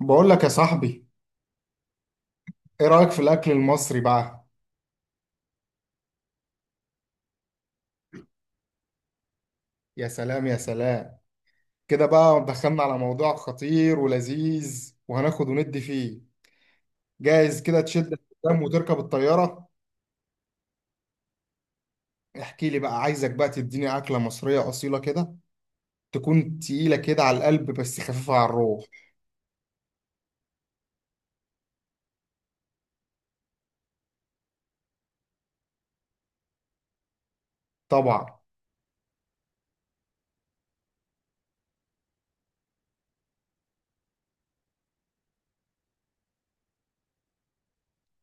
بقول لك يا صاحبي، ايه رأيك في الاكل المصري بقى؟ يا سلام يا سلام. كده بقى دخلنا على موضوع خطير ولذيذ وهناخد وندي فيه. جاهز كده تشد الحزام وتركب الطيارة؟ احكي لي بقى، عايزك بقى تديني أكلة مصرية أصيلة كده، تكون تقيلة كده على القلب بس خفيفة على الروح. طبعا.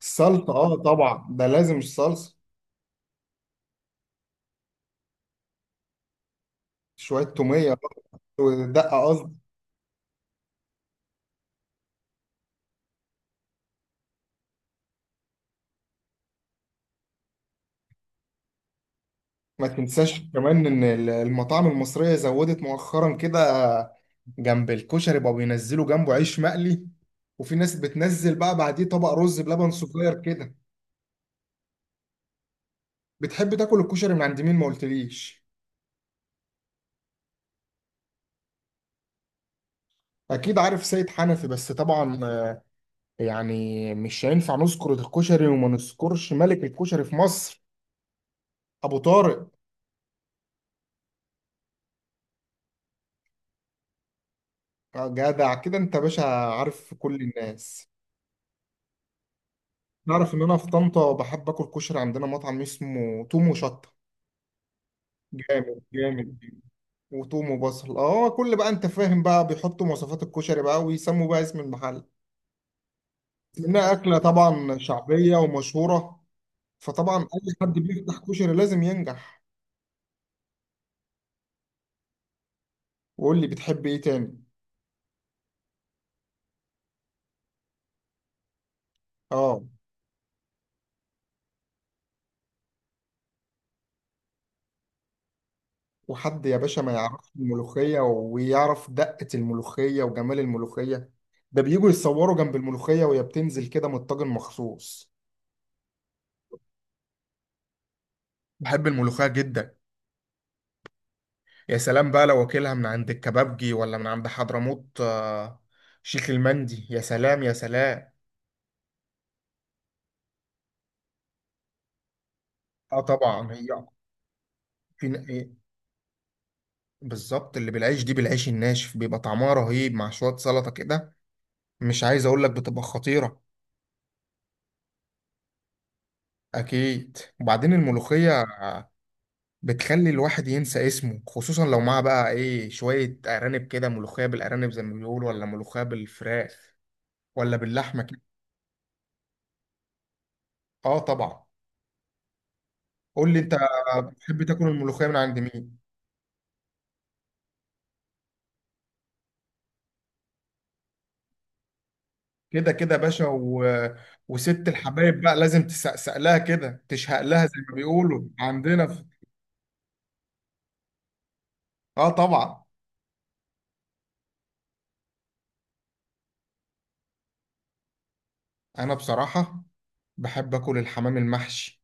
السلطة، اه طبعا، ده لازم الصلصة. شوية تومية ودقة. ما تنساش كمان ان المطاعم المصرية زودت مؤخرا كده، جنب الكشري بقوا بينزلوا جنبه عيش مقلي، وفي ناس بتنزل بقى بعديه طبق رز بلبن صغير كده. بتحب تاكل الكشري من عند مين ما قلتليش؟ اكيد عارف سيد حنفي، بس طبعا، يعني مش هينفع نذكر الكشري وما نذكرش ملك الكشري في مصر، ابو طارق. جدع كده انت، باشا عارف كل الناس. تعرف ان انا في طنطا بحب اكل كشري؟ عندنا مطعم اسمه توم وشطة. جامد جامد. وتوم وبصل، اه، كل بقى انت فاهم بقى، بيحطوا مواصفات الكشري بقى ويسموا بقى اسم المحل، لانها اكله طبعا شعبيه ومشهوره، فطبعا اي حد بيفتح كشري لازم ينجح. وقول لي بتحب ايه تاني؟ اه. وحد يا باشا ما يعرفش الملوخيه، ويعرف دقه الملوخيه وجمال الملوخيه؟ ده بيجوا يتصوروا جنب الملوخيه وهي بتنزل كده من الطاجن مخصوص. بحب الملوخيه جدا. يا سلام بقى لو واكلها من عند الكبابجي، ولا من عند حضرموت، شيخ المندي، يا سلام يا سلام. اه طبعا هي، في ن- إيه، بالظبط اللي بالعيش دي، بالعيش الناشف بيبقى طعمها رهيب مع شوية سلطة كده. مش عايز اقول لك بتبقى خطيرة. اكيد. وبعدين الملوخية بتخلي الواحد ينسى اسمه، خصوصا لو معاه بقى ايه، شوية ارانب كده، ملوخية بالارانب زي ما بيقولوا، ولا ملوخية بالفراخ، ولا باللحمة كده. اه طبعا. قول لي انت، بتحب تاكل الملوخية من عند مين؟ كده كده يا باشا وست الحبايب بقى لازم تسقسق لها كده، تشهق لها زي ما بيقولوا عندنا في... اه طبعا. انا بصراحة بحب اكل الحمام المحشي.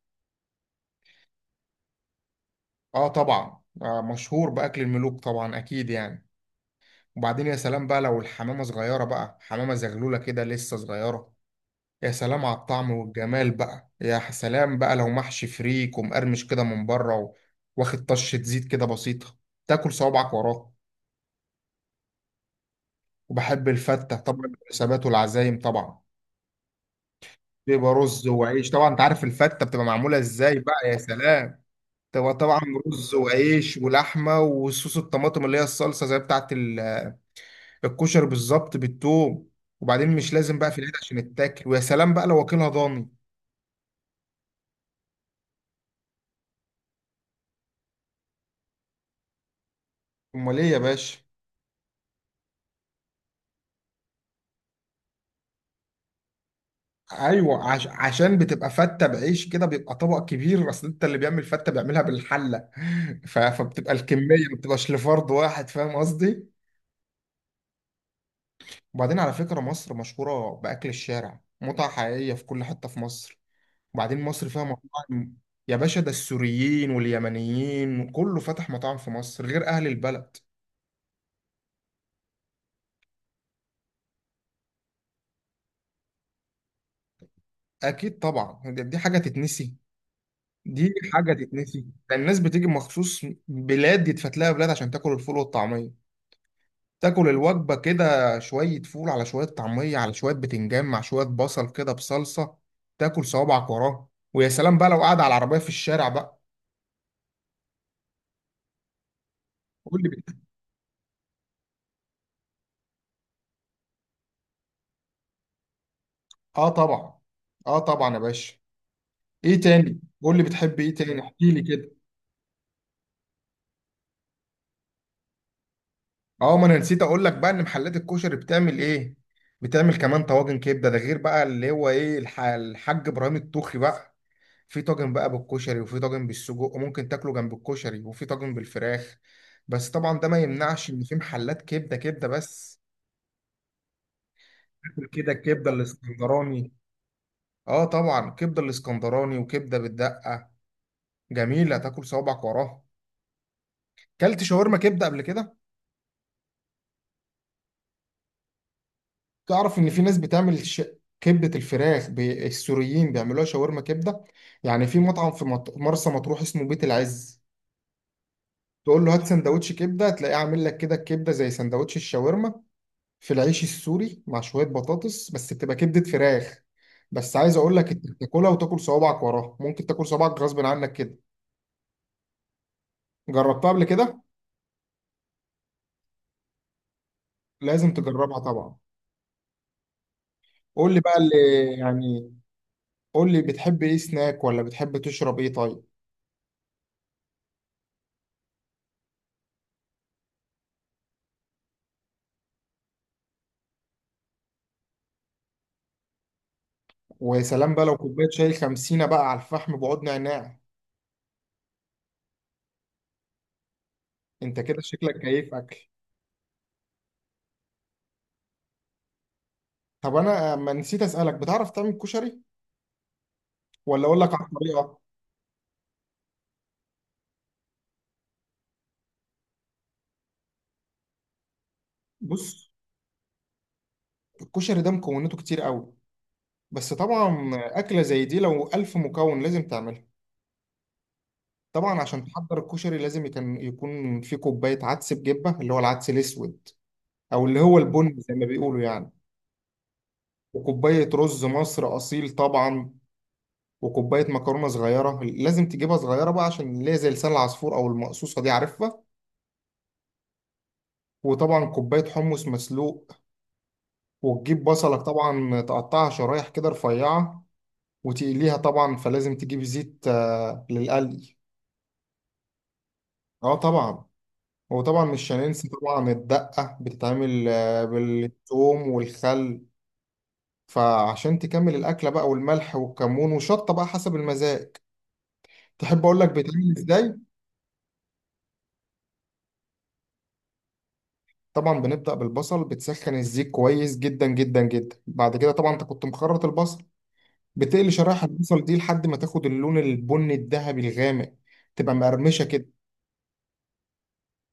اه طبعا، آه مشهور باكل الملوك طبعا، اكيد يعني. وبعدين يا سلام بقى لو الحمامة صغيرة بقى، حمامة زغلولة كده لسه صغيرة، يا سلام على الطعم والجمال بقى، يا سلام بقى لو محشي فريك ومقرمش كده من بره، واخد طشة زيت كده بسيطة، تاكل صوابعك وراه. وبحب الفتة طبعا، المناسبات والعزايم طبعا بيبقى رز وعيش. طبعا انت عارف الفتة بتبقى معمولة ازاي بقى، يا سلام. تبقى طبعا رز وعيش ولحمة وصوص الطماطم اللي هي الصلصة زي بتاعت الكشري بالظبط، بالثوم. وبعدين مش لازم بقى في العيد عشان تتاكل، ويا سلام بقى لو واكلها ضاني. امال ايه يا باشا. ايوه، عشان بتبقى فتة بعيش كده، بيبقى طبق كبير، اصل انت اللي بيعمل فتة بيعملها بالحلة. فبتبقى الكمية ما بتبقاش لفرد واحد، فاهم قصدي. وبعدين على فكرة مصر مشهورة بأكل الشارع، متعة حقيقية في كل حتة في مصر. وبعدين مصر فيها مطاعم يا باشا، ده السوريين واليمنيين كله فتح مطاعم في مصر غير أهل البلد. أكيد طبعا، دي حاجة تتنسي. دي حاجة تتنسي. ده الناس بتيجي مخصوص بلاد يتفت لها بلاد عشان تاكل الفول والطعمية. تاكل الوجبة كده، شوية فول على شوية طعمية على شوية بتنجان مع شوية بصل كده بصلصة، تاكل صوابعك وراه. ويا سلام بقى لو قاعد على العربية في الشارع بقى. قول لي. اه طبعا. اه طبعا يا باشا. ايه تاني؟ قول لي بتحب ايه تاني، احكي لي كده. اه، ما انا نسيت اقول لك بقى ان محلات الكشري بتعمل ايه، بتعمل كمان طواجن كبده، ده غير بقى اللي هو ايه، الحاج ابراهيم الطوخي بقى. في طاجن بقى بالكشري، وفي طاجن بالسجق وممكن تاكله جنب الكشري، وفي طاجن بالفراخ. بس طبعا ده ما يمنعش ان في محلات كبده، كبده بس. تاكل كده الكبده الاسكندراني. اه طبعا، كبده الاسكندراني وكبده بالدقه. جميله، تاكل صوابعك وراها. كلت شاورما كبده قبل كده؟ تعرف ان في ناس بتعمل، كبده الفراخ، السوريين بيعملوها شاورما كبده. يعني في مطعم في مرسى مطروح اسمه بيت العز، تقول له هات سندوتش كبده، تلاقيه عامل لك كده الكبده زي سندوتش الشاورما في العيش السوري مع شويه بطاطس، بس بتبقى كبده فراخ. بس عايز اقول لك انت بتاكلها وتاكل صوابعك وراها، ممكن تاكل صوابعك غصب عنك كده. جربتها قبل كده؟ لازم تجربها طبعا. قول لي بقى اللي يعني، قول لي بتحب ايه سناك، ولا بتحب تشرب ايه طيب؟ وسلام بقى لو كوبايه شاي خمسينة بقى على الفحم بعود نعناع. انت كده شكلك كيف اكل. طب انا ما نسيت اسالك، بتعرف تعمل كشري ولا اقول لك على الطريقه؟ بص، الكشري ده مكوناته كتير قوي، بس طبعا اكله زي دي لو الف مكون لازم تعملها. طبعا عشان تحضر الكشري لازم يكون في كوبايه عدس بجبه اللي هو العدس الاسود، او اللي هو البن زي ما بيقولوا يعني. وكوبايه رز مصر اصيل طبعا. وكوبايه مكرونه صغيره، لازم تجيبها صغيره بقى عشان اللي هي زي لسان العصفور، او المقصوصه دي، عارفها. وطبعا كوبايه حمص مسلوق. وتجيب بصلك طبعا، تقطعها شرايح كده رفيعه وتقليها. طبعا فلازم تجيب زيت للقلي. اه طبعا. وطبعا مش هننسى طبعا الدقه، بتتعمل بالثوم والخل. فعشان تكمل الاكله بقى، والملح والكمون وشطه بقى حسب المزاج. تحب اقول لك بيتعمل ازاي؟ طبعا بنبدأ بالبصل، بتسخن الزيت كويس جدا جدا جدا، بعد كده طبعا انت كنت مخرط البصل، بتقلي شرايح البصل دي لحد ما تاخد اللون البني الذهبي الغامق، تبقى مقرمشة كده.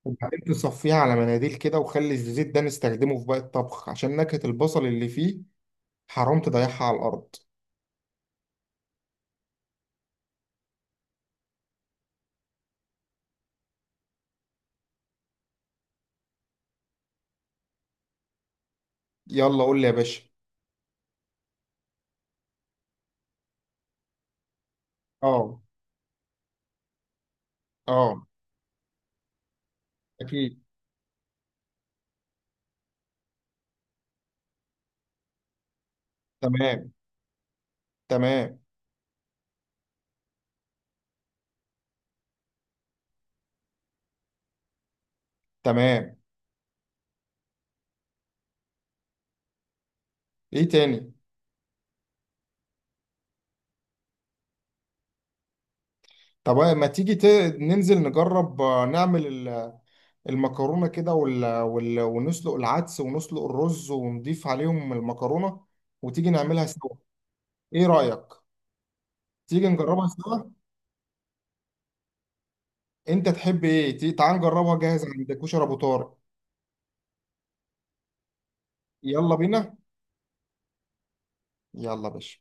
وبعدين تصفيها على مناديل كده، وخلي الزيت ده نستخدمه في باقي الطبخ عشان نكهة البصل اللي فيه، حرام تضيعها على الأرض. يلا قول لي يا باشا. اه. اه. اكيد. تمام. تمام. تمام. ايه تاني؟ طب ما تيجي ننزل نجرب، نعمل المكرونة كده، ونسلق العدس ونسلق الرز ونضيف عليهم المكرونة، وتيجي نعملها سوا. ايه رأيك؟ تيجي نجربها سوا. انت تحب ايه، تعال نجربها جاهز عند كشري ابو طارق. يلا بينا. يلا يا باشا.